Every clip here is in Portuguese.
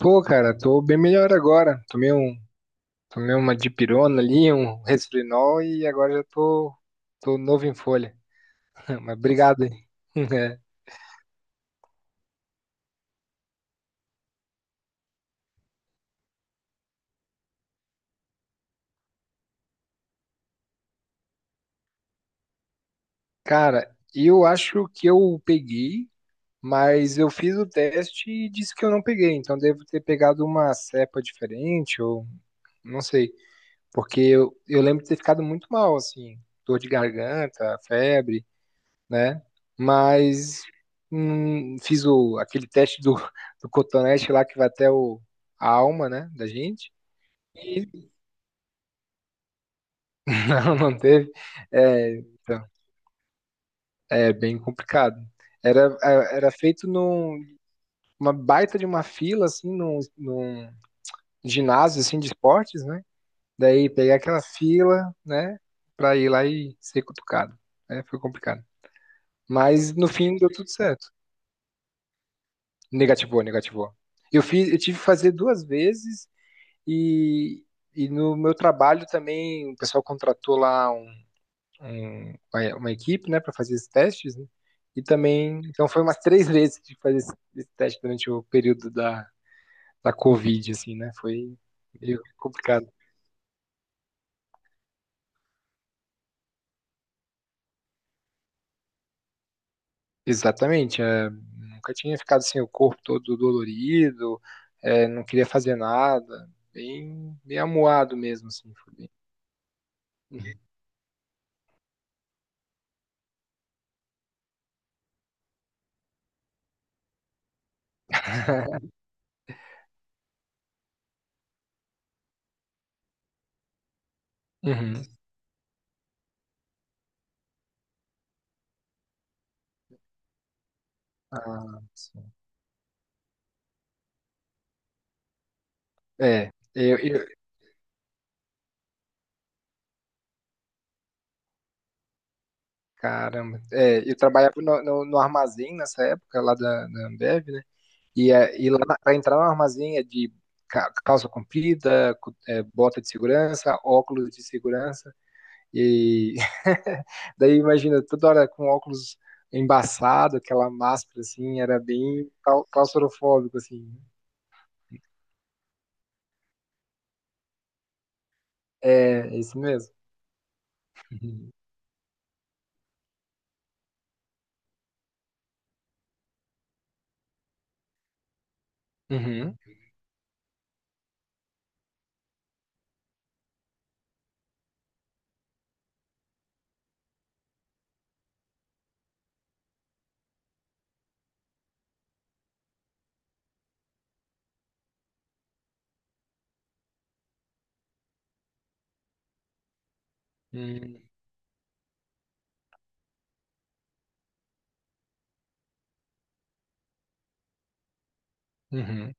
Pô, cara, tô bem melhor agora. Tomei uma dipirona ali, um resfrinol e tô novo em folha. Mas obrigado, hein? É. Cara, eu acho que eu peguei, mas eu fiz o teste e disse que eu não peguei. Então devo ter pegado uma cepa diferente ou não sei, porque eu lembro de ter ficado muito mal, assim, dor de garganta, febre. Né? Mas fiz o, aquele teste do, do cotonete lá que vai até o, a alma, né, da gente. E não, não teve. É, então, é bem complicado. Era feito num uma baita de uma fila, assim, num ginásio, assim, de esportes, né? Daí peguei aquela fila, né, pra ir lá e ser cutucado. É, foi complicado. Mas no fim deu tudo certo. Negativou, negativou. Eu tive que fazer duas vezes. E, e no meu trabalho também, o pessoal contratou lá uma equipe, né, para fazer esses testes, né? E também, então foi umas três vezes de fazer esse teste durante o período da, da Covid, assim, né? Foi meio complicado. Exatamente, é, nunca tinha ficado assim, o corpo todo dolorido, é, não queria fazer nada, bem, bem amuado mesmo, assim, foi bem. Uhum. Ah, sim. É, Caramba. É, eu trabalhava no armazém nessa época, lá da, da Ambev, né? E, é, e lá para entrar no armazém é de calça comprida, é, bota de segurança, óculos de segurança. E daí imagina, toda hora com óculos embaçado, aquela máscara assim, era bem claustrofóbico, assim. É, é isso mesmo. Uhum. Uhum. Hum, uhum.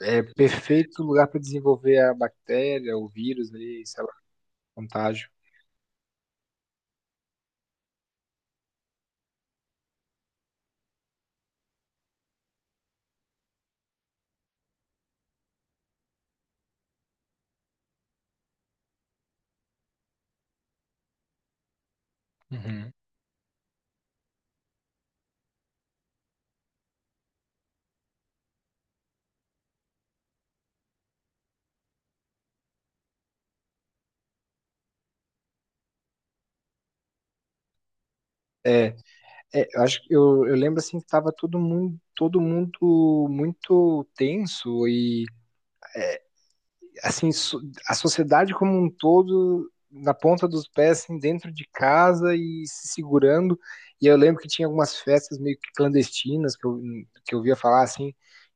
É perfeito lugar para desenvolver a bactéria, o vírus ali, sei lá, contágio. Uhum. É, é, eu acho que eu lembro assim que tava todo mundo muito tenso e assim so- a sociedade como um todo na ponta dos pés, assim, dentro de casa e se segurando. E eu lembro que tinha algumas festas meio que clandestinas que eu via falar assim.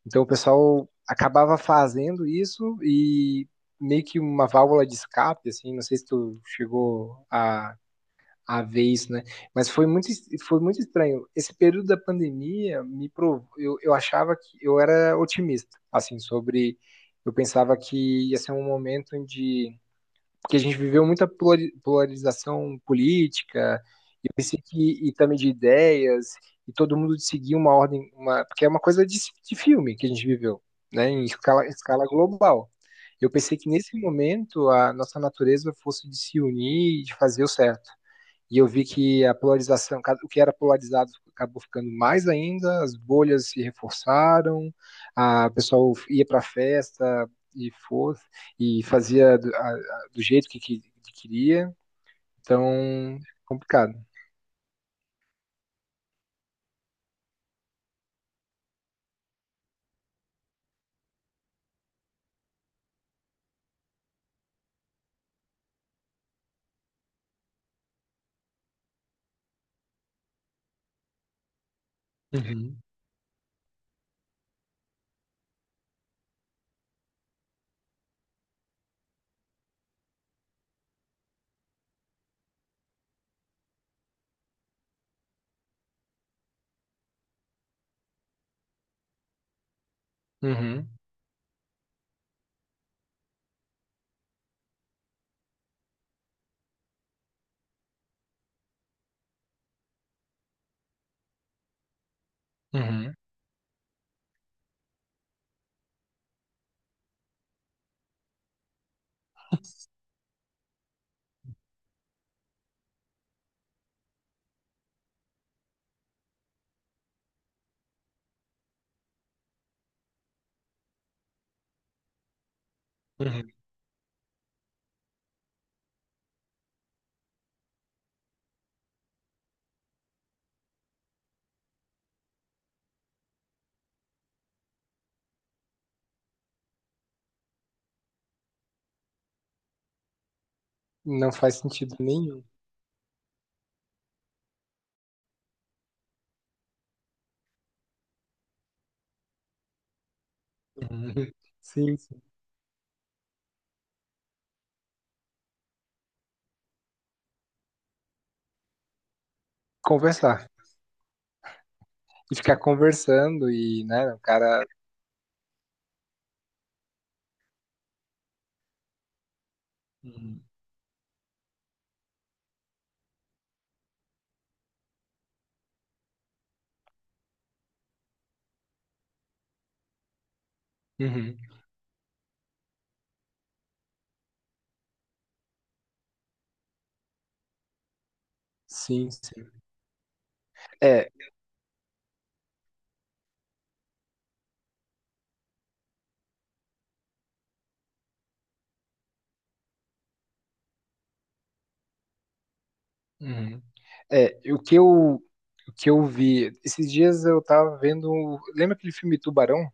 Então o pessoal acabava fazendo isso e meio que uma válvula de escape, assim. Não sei se tu chegou a ver isso, né? Mas foi muito estranho. Esse período da pandemia me provou. Eu achava que eu era otimista, assim, sobre. Eu pensava que ia ser um momento em de. Porque a gente viveu muita polarização política, e eu pensei que. E também de ideias, e todo mundo de seguir uma ordem. Uma, porque é uma coisa de filme que a gente viveu, né? Em escala global. Eu pensei que nesse momento a nossa natureza fosse de se unir e de fazer o certo e eu vi que a polarização, o que era polarizado acabou ficando mais ainda, as bolhas se reforçaram, a o pessoal ia para a festa e for e fazia do, do jeito queria, então complicado. Uhum, uhum, uhum, uhum. Não faz sentido nenhum. Uhum. Sim, sim. Conversar. E ficar conversando e, né, o cara. Uhum. Uhum. Sim, sim. É. Uhum. É, o que o que eu vi, esses dias eu tava vendo, lembra aquele filme Tubarão?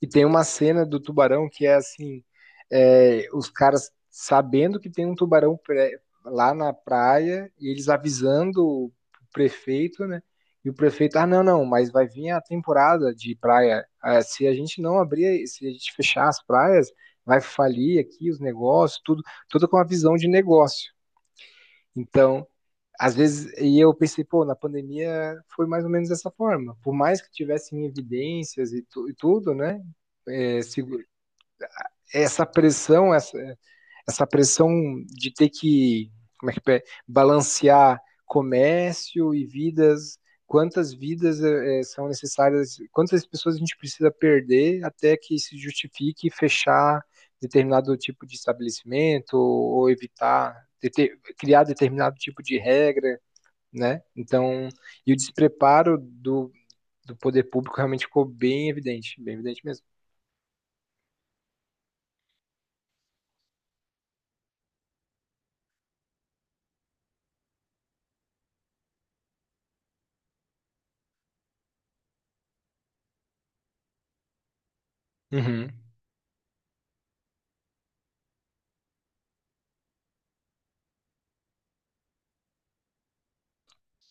E tem uma cena do tubarão que é assim, é, os caras sabendo que tem um tubarão lá na praia, e eles avisando o prefeito, né? E o prefeito, ah, não, não, mas vai vir a temporada de praia. Ah, se a gente não abrir, se a gente fechar as praias, vai falir aqui os negócios, tudo, tudo com a visão de negócio. Então, às vezes, e eu pensei, pô, na pandemia foi mais ou menos dessa forma. Por mais que tivessem evidências e tudo, né? É, essa pressão, essa pressão de ter que, como é que é, balancear comércio e vidas, quantas vidas é, é, são necessárias, quantas pessoas a gente precisa perder até que se justifique fechar determinado tipo de estabelecimento ou evitar, criar determinado tipo de regra, né? Então, e o despreparo do, do poder público realmente ficou bem evidente mesmo. Uhum.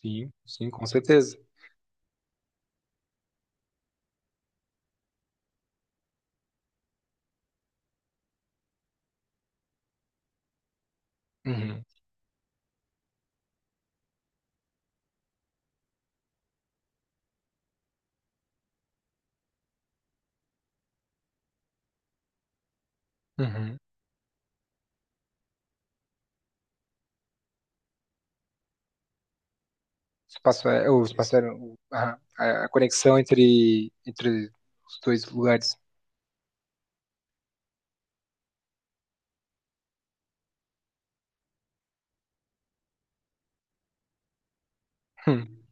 Sim, sim, com certeza. Uhum. Uhum. Espaço aéreo, a conexão entre os dois lugares. Hum.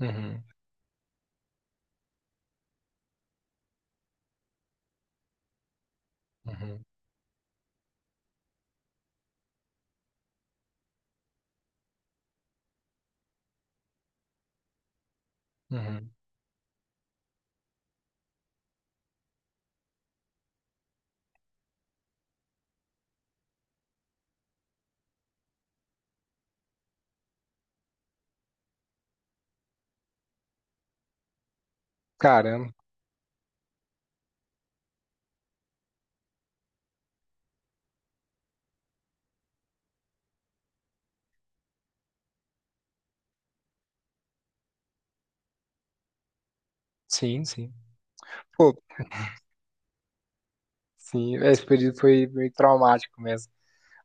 Uhum. Uhum. Uhum. Caramba, sim, sim. Pô, sim, esse período foi meio traumático mesmo.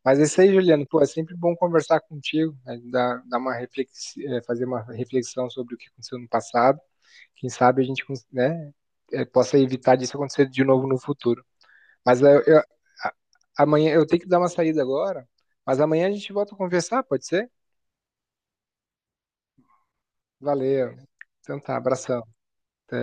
Mas é isso aí, Juliano, pô, é sempre bom conversar contigo, né? Dar uma fazer uma reflexão sobre o que aconteceu no passado. Quem sabe a gente, né, possa evitar disso acontecer de novo no futuro. Mas amanhã eu tenho que dar uma saída agora, mas amanhã a gente volta a conversar, pode ser? Valeu. Então tá, abração.